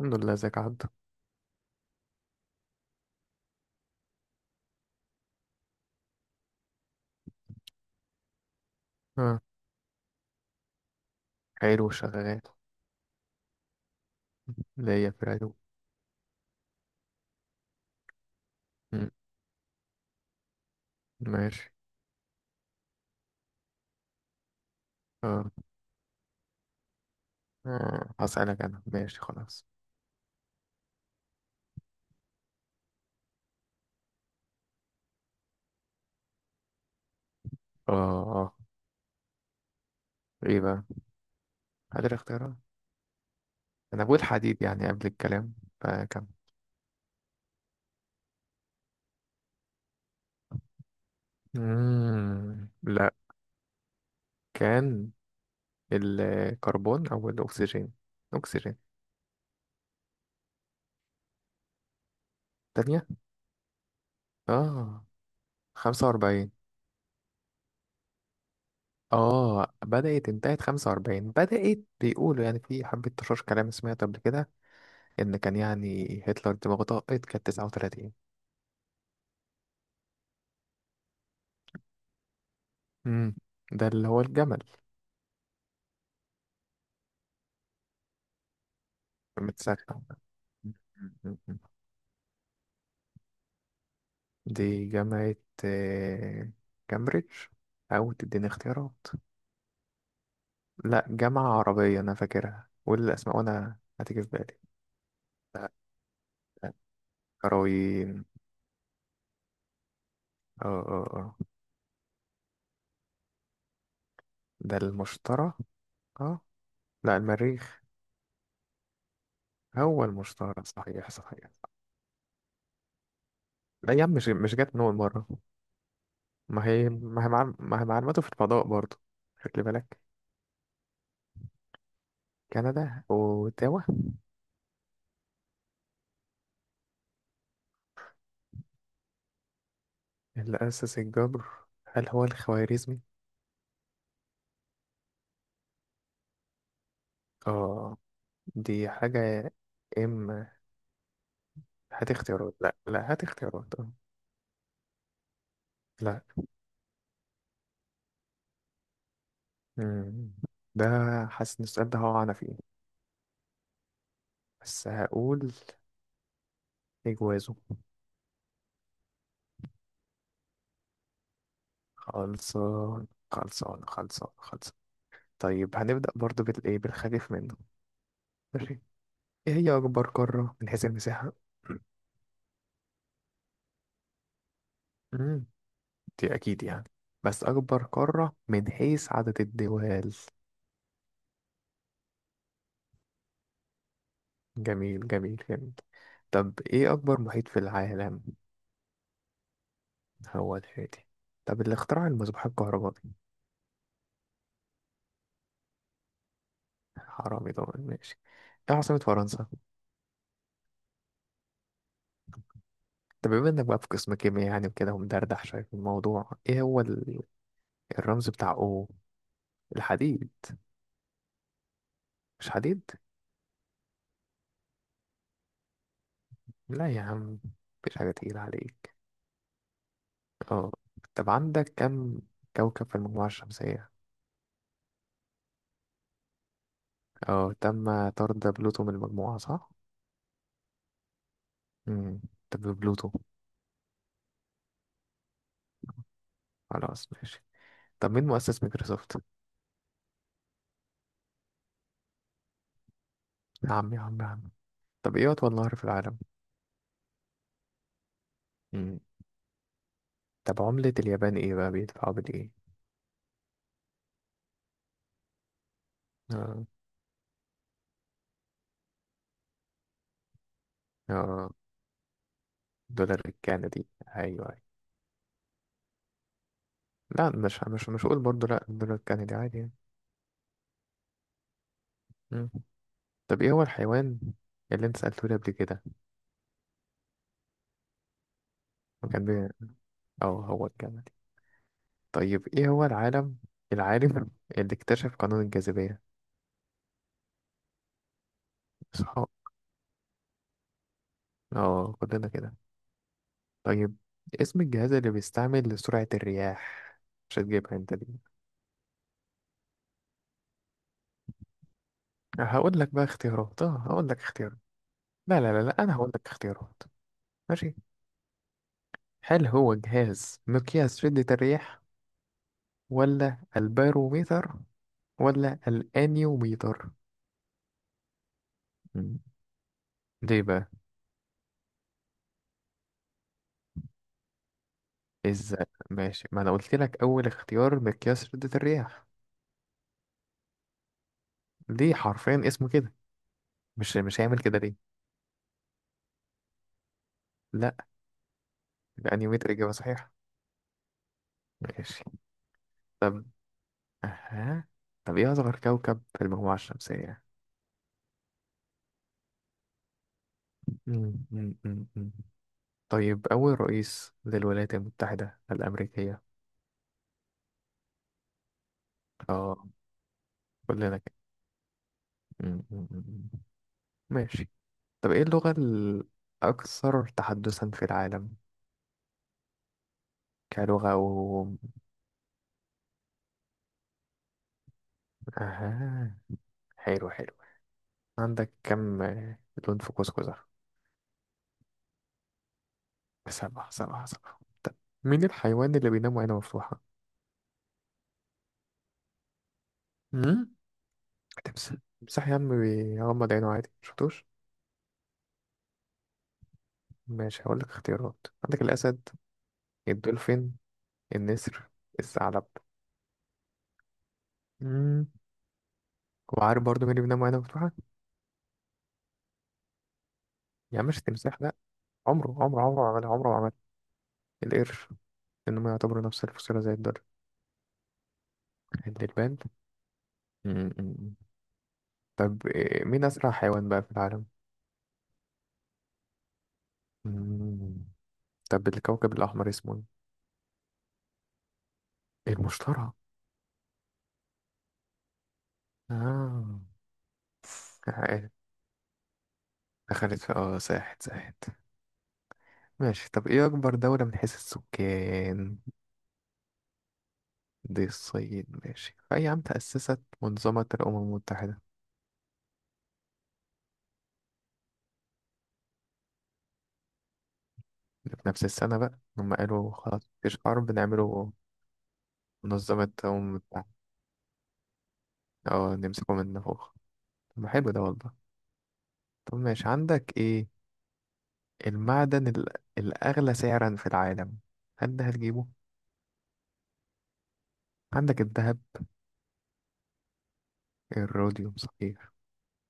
الحمد لله، ازيك عدى؟ اه، حلو، شغال. ليا في العلوم. مم. ماشي. اه. آه، هسألك. انا ماشي، خلاص. اه، اه. ايه بقى؟ قادر؟ اختيارات. انا بقول حديد يعني قبل الكلام. فكم. مم. لا. كان الكربون او الاكسجين. اكسجين. تانية. اه، 45. اه، بدأت انتهت 45، بدأت بيقولوا يعني في حبة تشاش كلام سمعت قبل كده ان كان يعني هتلر دماغه طاقت كانت 39. مم. ده اللي هو الجمل المتسكع ده. مم. دي جامعة. آه، كامبريدج. أو تديني اختيارات. لا، جامعة عربية أنا فاكرها، قول الأسماء وأنا هتيجي في بالي. كروين. اه، اه، اه. ده المشتري. اه. لا، المريخ. هو المشتري، صحيح صحيح. لا يا عم، مش جت من أول مرة. ما هي معلوماته في الفضاء برضه. خلي بالك. كندا، وتاوا. اللي أسس الجبر، هل هو الخوارزمي؟ اه. دي حاجة. إما. هات اختيارات، لا، لا، هات اختيارات. آه. لا. مم. ده. حاسس إن السؤال ده هقع أنا فيه. بس هقول، إجوازه. خلصان خلصان خلصان خلصان. طيب، هنبدأ برضه بالإيه، بالخفيف منه. ماشي. إيه هي أكبر قارة من حيث المساحة؟ مم. دي أكيد يعني، بس أكبر قارة من حيث عدد الدول؟ جميل جميل جميل. طب، ايه اكبر محيط في العالم؟ هو الهادي. طب، اللي اخترع المصباح الكهربائي؟ حرامي طبعا، ماشي. ايه عاصمة فرنسا؟ طب، بما انك بقى في قسم كيمياء يعني وكده ومدردح شوية في الموضوع، ايه هو الرمز بتاع. او الحديد. مش حديد؟ لا يا عم، مفيش حاجة تقيلة عليك. اه. طب، عندك كم كوكب في المجموعة الشمسية؟ اه، تم طرد بلوتو من المجموعة، صح؟ مم. طب، بلوتو. خلاص، ماشي. طب، مين مؤسس مايكروسوفت؟ يا عم يا عم يا عم. طب، ايه أطول نهر في العالم؟ مم. طب، عملة اليابان ايه بقى؟ بيدفعوا بالإيه؟ آه. آه. دولار الكندي. أيوه أيوه. لا، مش هقول برضه، لا، الدولار الكندي عادي يعني. مم. طب، ايه هو الحيوان اللي انت سألته لي قبل كده؟ وكان بي. اه، هو الكندي. طيب، ايه هو العالم اللي اكتشف قانون الجاذبية؟ صح. اه، كلنا كده. طيب، اسم الجهاز اللي بيستعمل لسرعة الرياح؟ مش هتجيبها انت دي. هقول لك بقى اختيارات، هقول لك اختيارات. لا، لا، لا، لا، أنا هقول لك اختيارات. ماشي. هل هو جهاز مقياس شدة الرياح، ولا الباروميتر، ولا الأنيوميتر؟ مم. ليه بقى؟ إزاي؟ ماشي، ما أنا قلت لك أول اختيار مقياس شدة الرياح. ليه، حرفيا اسمه كده. مش هيعمل كده ليه. لا. الأنيوميتر إجابة صحيحة. ماشي. طب. أها. طب، إيه أصغر كوكب في المجموعة الشمسية؟ مم، مم، مم، مم. طيب، أول رئيس للولايات المتحدة الأمريكية؟ اه، كلنا كده. م- م- م- م. ماشي. طب، ايه اللغة الأكثر تحدثا في العالم؟ كلغة و. أها. حلو حلو. عندك كم لون في قوس قزح؟ سبعة سبعة سبعة. طب، مين الحيوان اللي بينام وعينه مفتوحة؟ مم؟ تمساح، تمساح يا عم بيغمض عينه عادي، مشفتوش؟ ماشي، هقول لك اختيارات. عندك الأسد، الدولفين، النسر، الثعلب. مم. وعارف برضه مين اللي بينام وعينه مفتوحة؟ يا عم، مش التمساح، لا. عمره ما عملها، عمره ما عملها. القرش. لأنهم يعتبروا نفس الفصيلة زي الدر. الدبان. مم. طب، إيه، مين أسرع حيوان بقى في العالم؟ مم. طب، الكوكب الأحمر اسمه؟ إيه؟ المشتري. آه. آه، دخلت في ساحت ساحت. ماشي. طب، ايه أكبر دولة من حيث السكان؟ دي الصين. ماشي، في أي عام تأسست منظمة الأمم المتحدة؟ في نفس السنة بقى، هم قالوا خلاص مفيش حرب، نعمله منظمة الأمم المتحدة. اه، نمسكه من فوق. طب ما حلو ده والله. طب، ماشي. عندك ايه، المعدن الأغلى سعرا في العالم؟ هل ده هتجيبه؟ عندك الذهب. الروديوم، صحيح.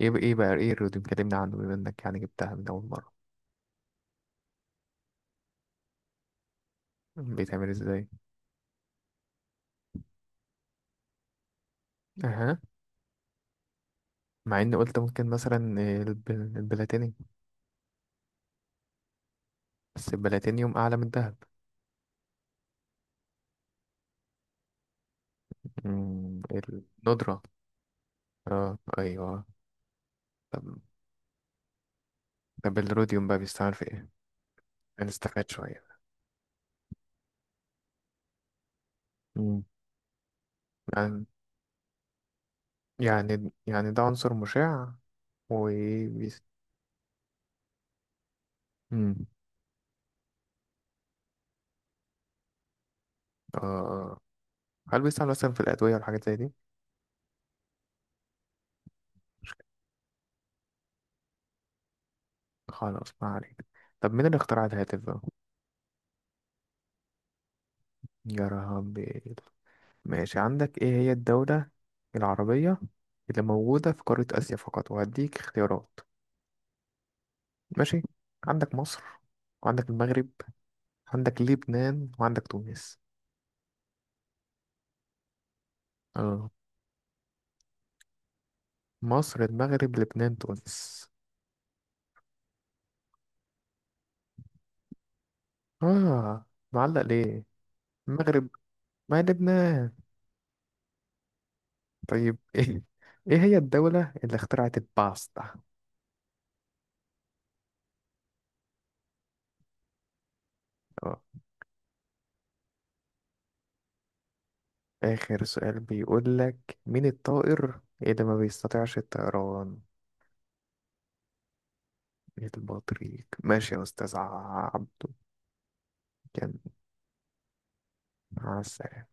ايه بقى الروديوم، كلمني عنه بما انك يعني جبتها من أول مرة. بيتعمل ازاي؟ اها. مع اني قلت ممكن مثلا البلاتينيوم. بس البلاتينيوم أعلى من الذهب. مم، الندرة. اه، ايوه. طب طب الروديوم بقى بيستعمل في ايه؟ هنستفاد شوية. مم. يعني يعني ده عنصر مشع. وبيست... آه. هل بيستعمل مثلا في الأدوية والحاجات زي دي؟ خلاص، ما عليك. طب، مين اللي اخترع الهاتف بقى؟ يا ربي. ماشي، عندك ايه هي الدولة العربية اللي موجودة في قارة آسيا فقط؟ وهديك اختيارات. ماشي. عندك مصر، وعندك المغرب، عندك لبنان، وعندك تونس. اه. مصر، المغرب، لبنان، تونس. اه، معلق ليه؟ المغرب، ما لبنان. طيب ايه، ايه هي الدولة اللي اخترعت الباستا؟ آه. آخر سؤال بيقول لك: مين الطائر اللي ما بيستطيعش الطيران؟ البطريق. ماشي يا أستاذ عبده. كان. مع السلامة.